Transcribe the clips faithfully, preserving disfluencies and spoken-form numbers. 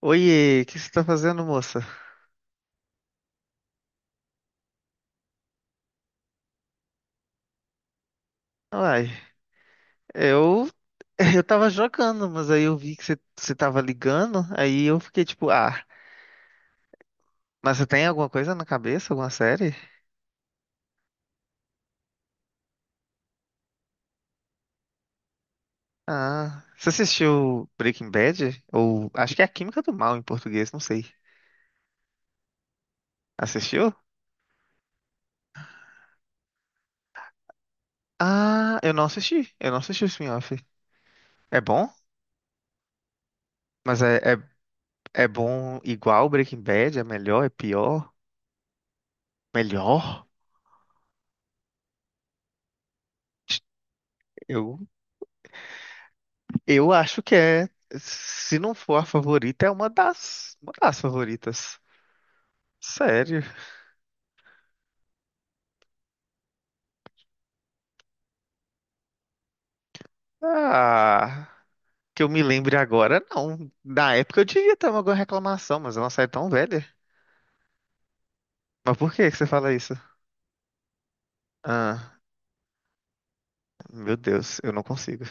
Oiê, o que você tá fazendo, moça? Uai, eu. Eu tava jogando, mas aí eu vi que você, você tava ligando, aí eu fiquei tipo, ah, mas você tem alguma coisa na cabeça, alguma série? Ah, você assistiu Breaking Bad? Ou acho que é A Química do Mal em português, não sei. Assistiu? Ah, eu não assisti, eu não assisti o spin-off. É bom? Mas é, é, é bom igual Breaking Bad? É melhor? É pior? Melhor? Eu Eu acho que é, se não for a favorita, é uma das, uma das favoritas. Sério. Ah, que eu me lembre agora, não. Na época eu devia ter alguma reclamação, mas eu não saí tão velha. Mas por que que você fala isso? Ah, meu Deus, eu não consigo.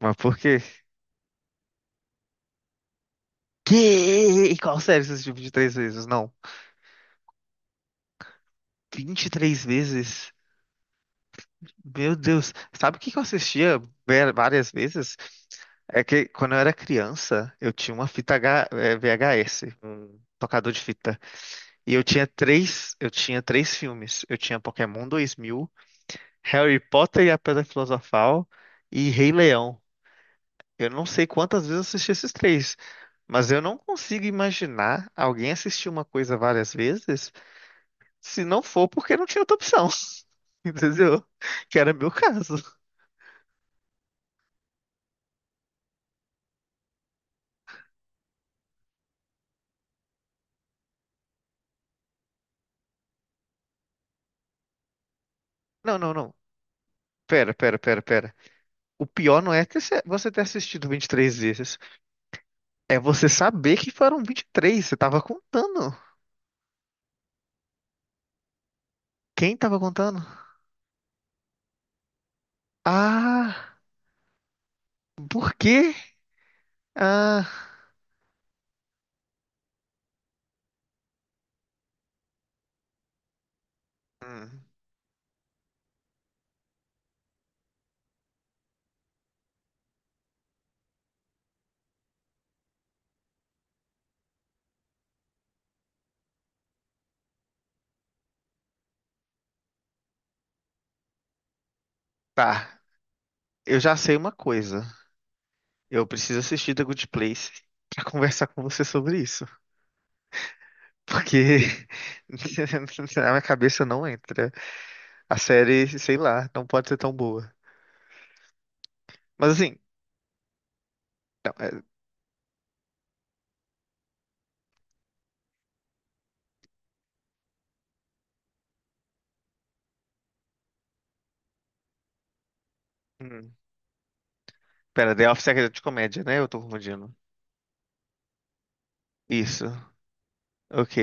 Mas por quê? Que? Qual série você assistiu vinte e três vezes? Não. Vinte e três vezes? Meu Deus, sabe o que que eu assistia va- várias vezes? É que quando eu era criança, eu tinha uma fita H- eh, V H S, um tocador de fita. E eu tinha três, eu tinha três filmes. Eu tinha Pokémon dois mil, Harry Potter e a Pedra Filosofal e Rei Leão. Eu não sei quantas vezes eu assisti esses três, mas eu não consigo imaginar alguém assistir uma coisa várias vezes, se não for porque não tinha outra opção. Entendeu? Que era meu caso. Não, não, não. Pera, pera, pera, pera. O pior não é ter se- você ter assistido vinte e três vezes. É você saber que foram vinte e três. Você tava contando. Quem tava contando? Ah, por quê? Ah, hum, tá. Eu já sei uma coisa. Eu preciso assistir The Good Place pra conversar com você sobre isso. Porque na minha cabeça não entra. A série, sei lá, não pode ser tão boa. Mas assim, não, é- Hum. Pera, The Office é de comédia, né? Eu tô confundindo. Isso. Ok.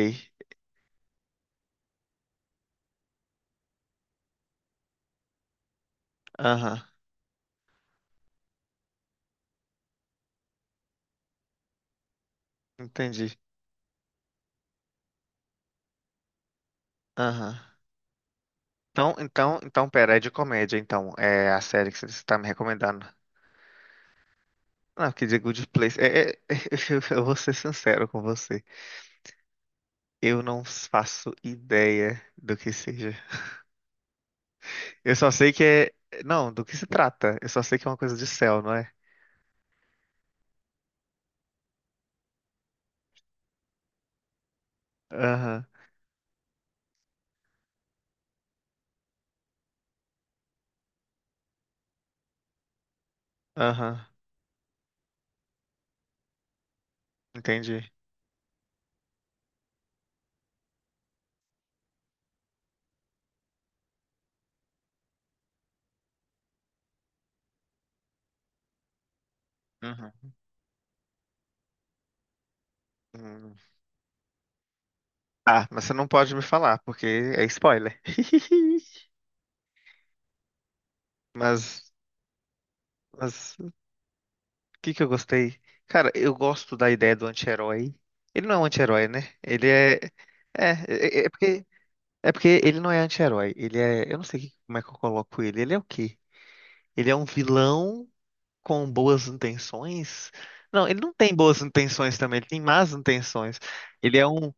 Aham. Entendi. Aham. Então, então, então, pera, é de comédia, então. É a série que você tá me recomendando. Não, quer dizer Good Place. É, é- eu eu vou ser sincero com você. Eu não faço ideia do que seja. Eu só sei que é. Não, do que se trata. Eu só sei que é uma coisa de céu, não é? Aham. Aham. Entendi. Uhum. Hum. Ah, mas você não pode me falar, porque é spoiler. Mas, mas o que que eu gostei? Cara, eu gosto da ideia do anti-herói. Ele não é um anti-herói, né? Ele é. É, é, é porque, é porque ele não é anti-herói. Ele é. Eu não sei que- como é que eu coloco ele. Ele é o quê? Ele é um vilão com boas intenções? Não, ele não tem boas intenções também, ele tem más intenções. Ele é um,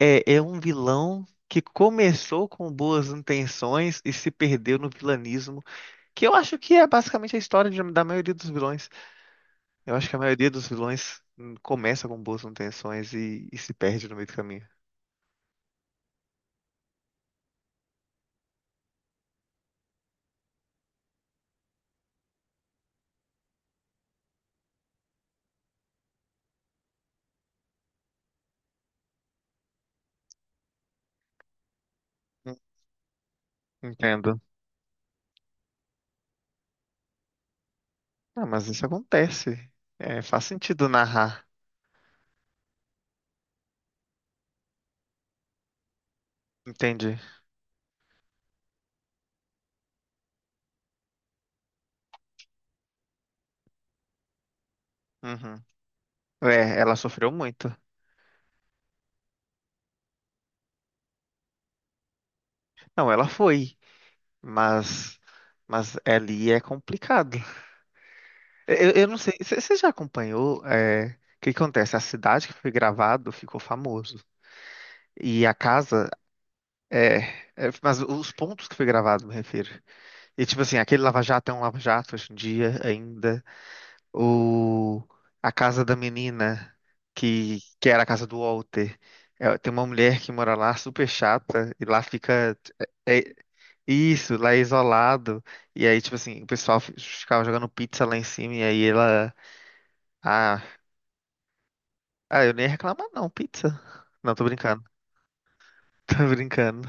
é, é um vilão que começou com boas intenções e se perdeu no vilanismo. Que eu acho que é basicamente a história de- da maioria dos vilões. Eu acho que a maioria dos vilões hum, começa com boas intenções e, e se perde no meio do caminho. Hum, Entendo. Ah, mas isso acontece. É, faz sentido narrar. Entendi. Uhum. É, ela sofreu muito. Não, ela foi, mas mas ali é complicado. Eu, eu não sei, você você já acompanhou é, o que que acontece? A cidade que foi gravado ficou famoso. E a casa é, é, mas os pontos que foi gravado, me refiro. E tipo assim, aquele Lava Jato é um Lava Jato hoje em dia ainda. O... A casa da menina, que, que era a casa do Walter. É, tem uma mulher que mora lá, super chata, e lá fica isso, lá é isolado. E aí, tipo assim, o pessoal fi- ficava jogando pizza lá em cima, e aí ela. Ah, ah, eu nem ia reclamar, não, pizza. Não, tô brincando. Tô brincando.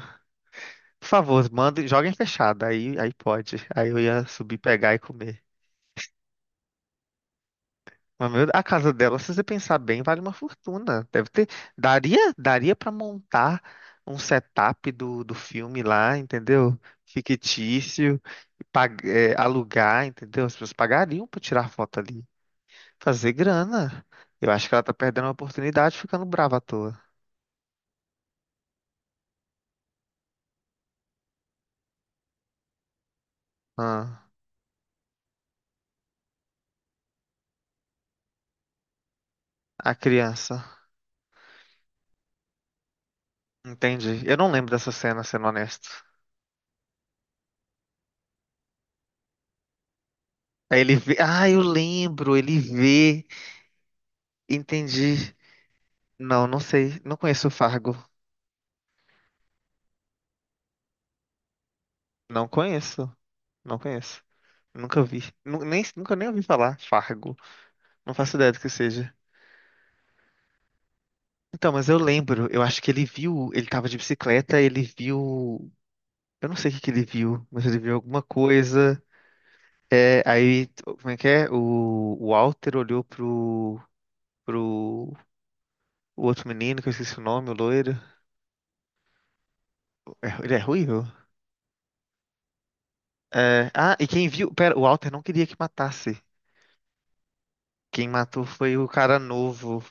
Por favor, manda, joguem fechado. Aí, aí pode. Aí eu ia subir, pegar e comer. Mas, meu, a casa dela, se você pensar bem, vale uma fortuna. Deve ter. Daria, daria para montar um setup do, do filme lá, entendeu? Fictício, e pag- é, alugar, entendeu? As pessoas pagariam para tirar foto ali. Fazer grana. Eu acho que ela tá perdendo uma oportunidade ficando brava à toa. Ah, a criança. Entendi. Eu não lembro dessa cena, sendo honesto. Aí ele vê. Ah, eu lembro. Ele vê. Entendi. Não, não sei. Não conheço o Fargo. Não conheço. Não conheço. Nunca vi. Nu- Nem, nunca nem ouvi falar. Fargo. Não faço ideia do que seja. Então, mas eu lembro, eu acho que ele viu, ele tava de bicicleta, ele viu. Eu não sei o que que ele viu, mas ele viu alguma coisa. É, aí, como é que é? O, o Walter olhou pro, pro o outro menino, que eu esqueci o nome, o loiro. É, ele é ruivo? É, ah, e quem viu. Pera, o Walter não queria que matasse. Quem matou foi o cara novo.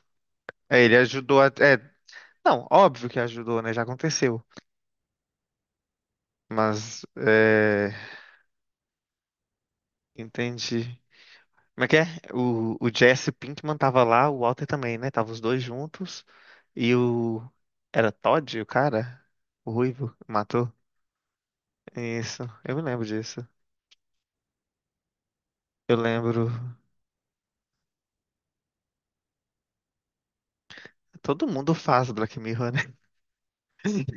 É, ele ajudou a. É, não, óbvio que ajudou, né? Já aconteceu. Mas, é... Entendi. Como é que é? O, o Jesse Pinkman tava lá, o Walter também, né? Tava os dois juntos. E o... Era Todd, o cara? O Ruivo? Matou? Isso. Eu me lembro disso. Eu lembro... Todo mundo faz Black Mirror, né?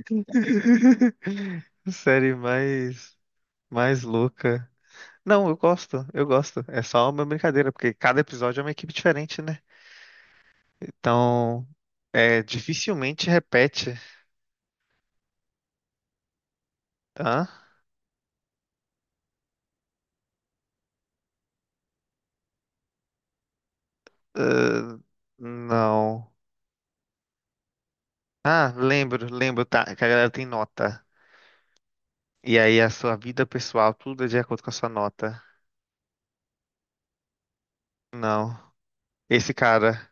Série mais... Mais louca. Não, eu gosto. Eu gosto. É só uma brincadeira, porque cada episódio é uma equipe diferente, né? Então... É, dificilmente repete, tá? Ah, não. Ah, lembro, lembro, tá, que a galera tem nota. E aí a sua vida pessoal, tudo é de acordo com a sua nota. Não. Esse cara,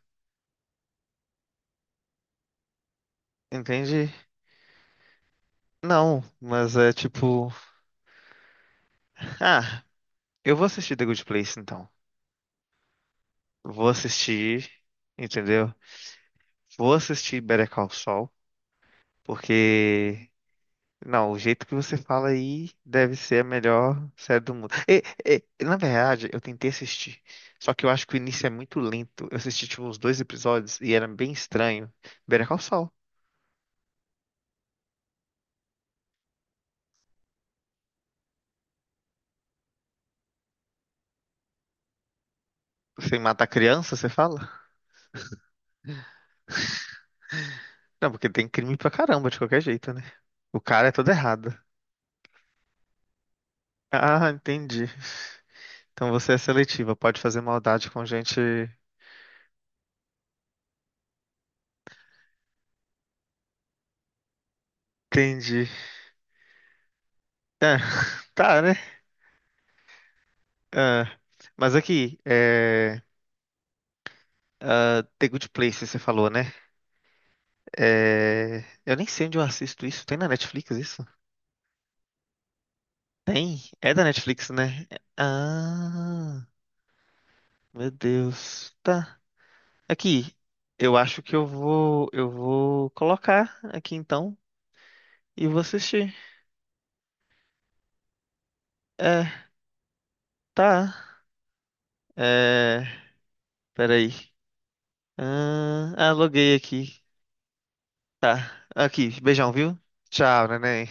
entende? Não, mas é tipo. Ah, eu vou assistir The Good Place então. Vou assistir, entendeu? Vou assistir Better Call Saul, porque... Não, o jeito que você fala aí deve ser a melhor série do mundo. E, e, na verdade, eu tentei assistir, só que eu acho que o início é muito lento. Eu assisti tipo uns dois episódios e era bem estranho. Better Call Saul. Você mata a criança, você fala? Não, porque tem crime pra caramba de qualquer jeito, né? O cara é todo errado. Ah, entendi. Então você é seletiva, pode fazer maldade com gente. Entendi. É, tá, né? Ah, mas aqui, é, ah, The Good Place, você falou, né? É, eu nem sei onde eu assisto isso. Tem na Netflix isso? Tem? É da Netflix, né? Ah, meu Deus. Tá. Aqui. Eu acho que eu vou, eu vou colocar aqui então e vou assistir. É, tá. É, peraí. Ah, ah, loguei aqui. Tá. Aqui. Beijão, viu? Tchau, neném.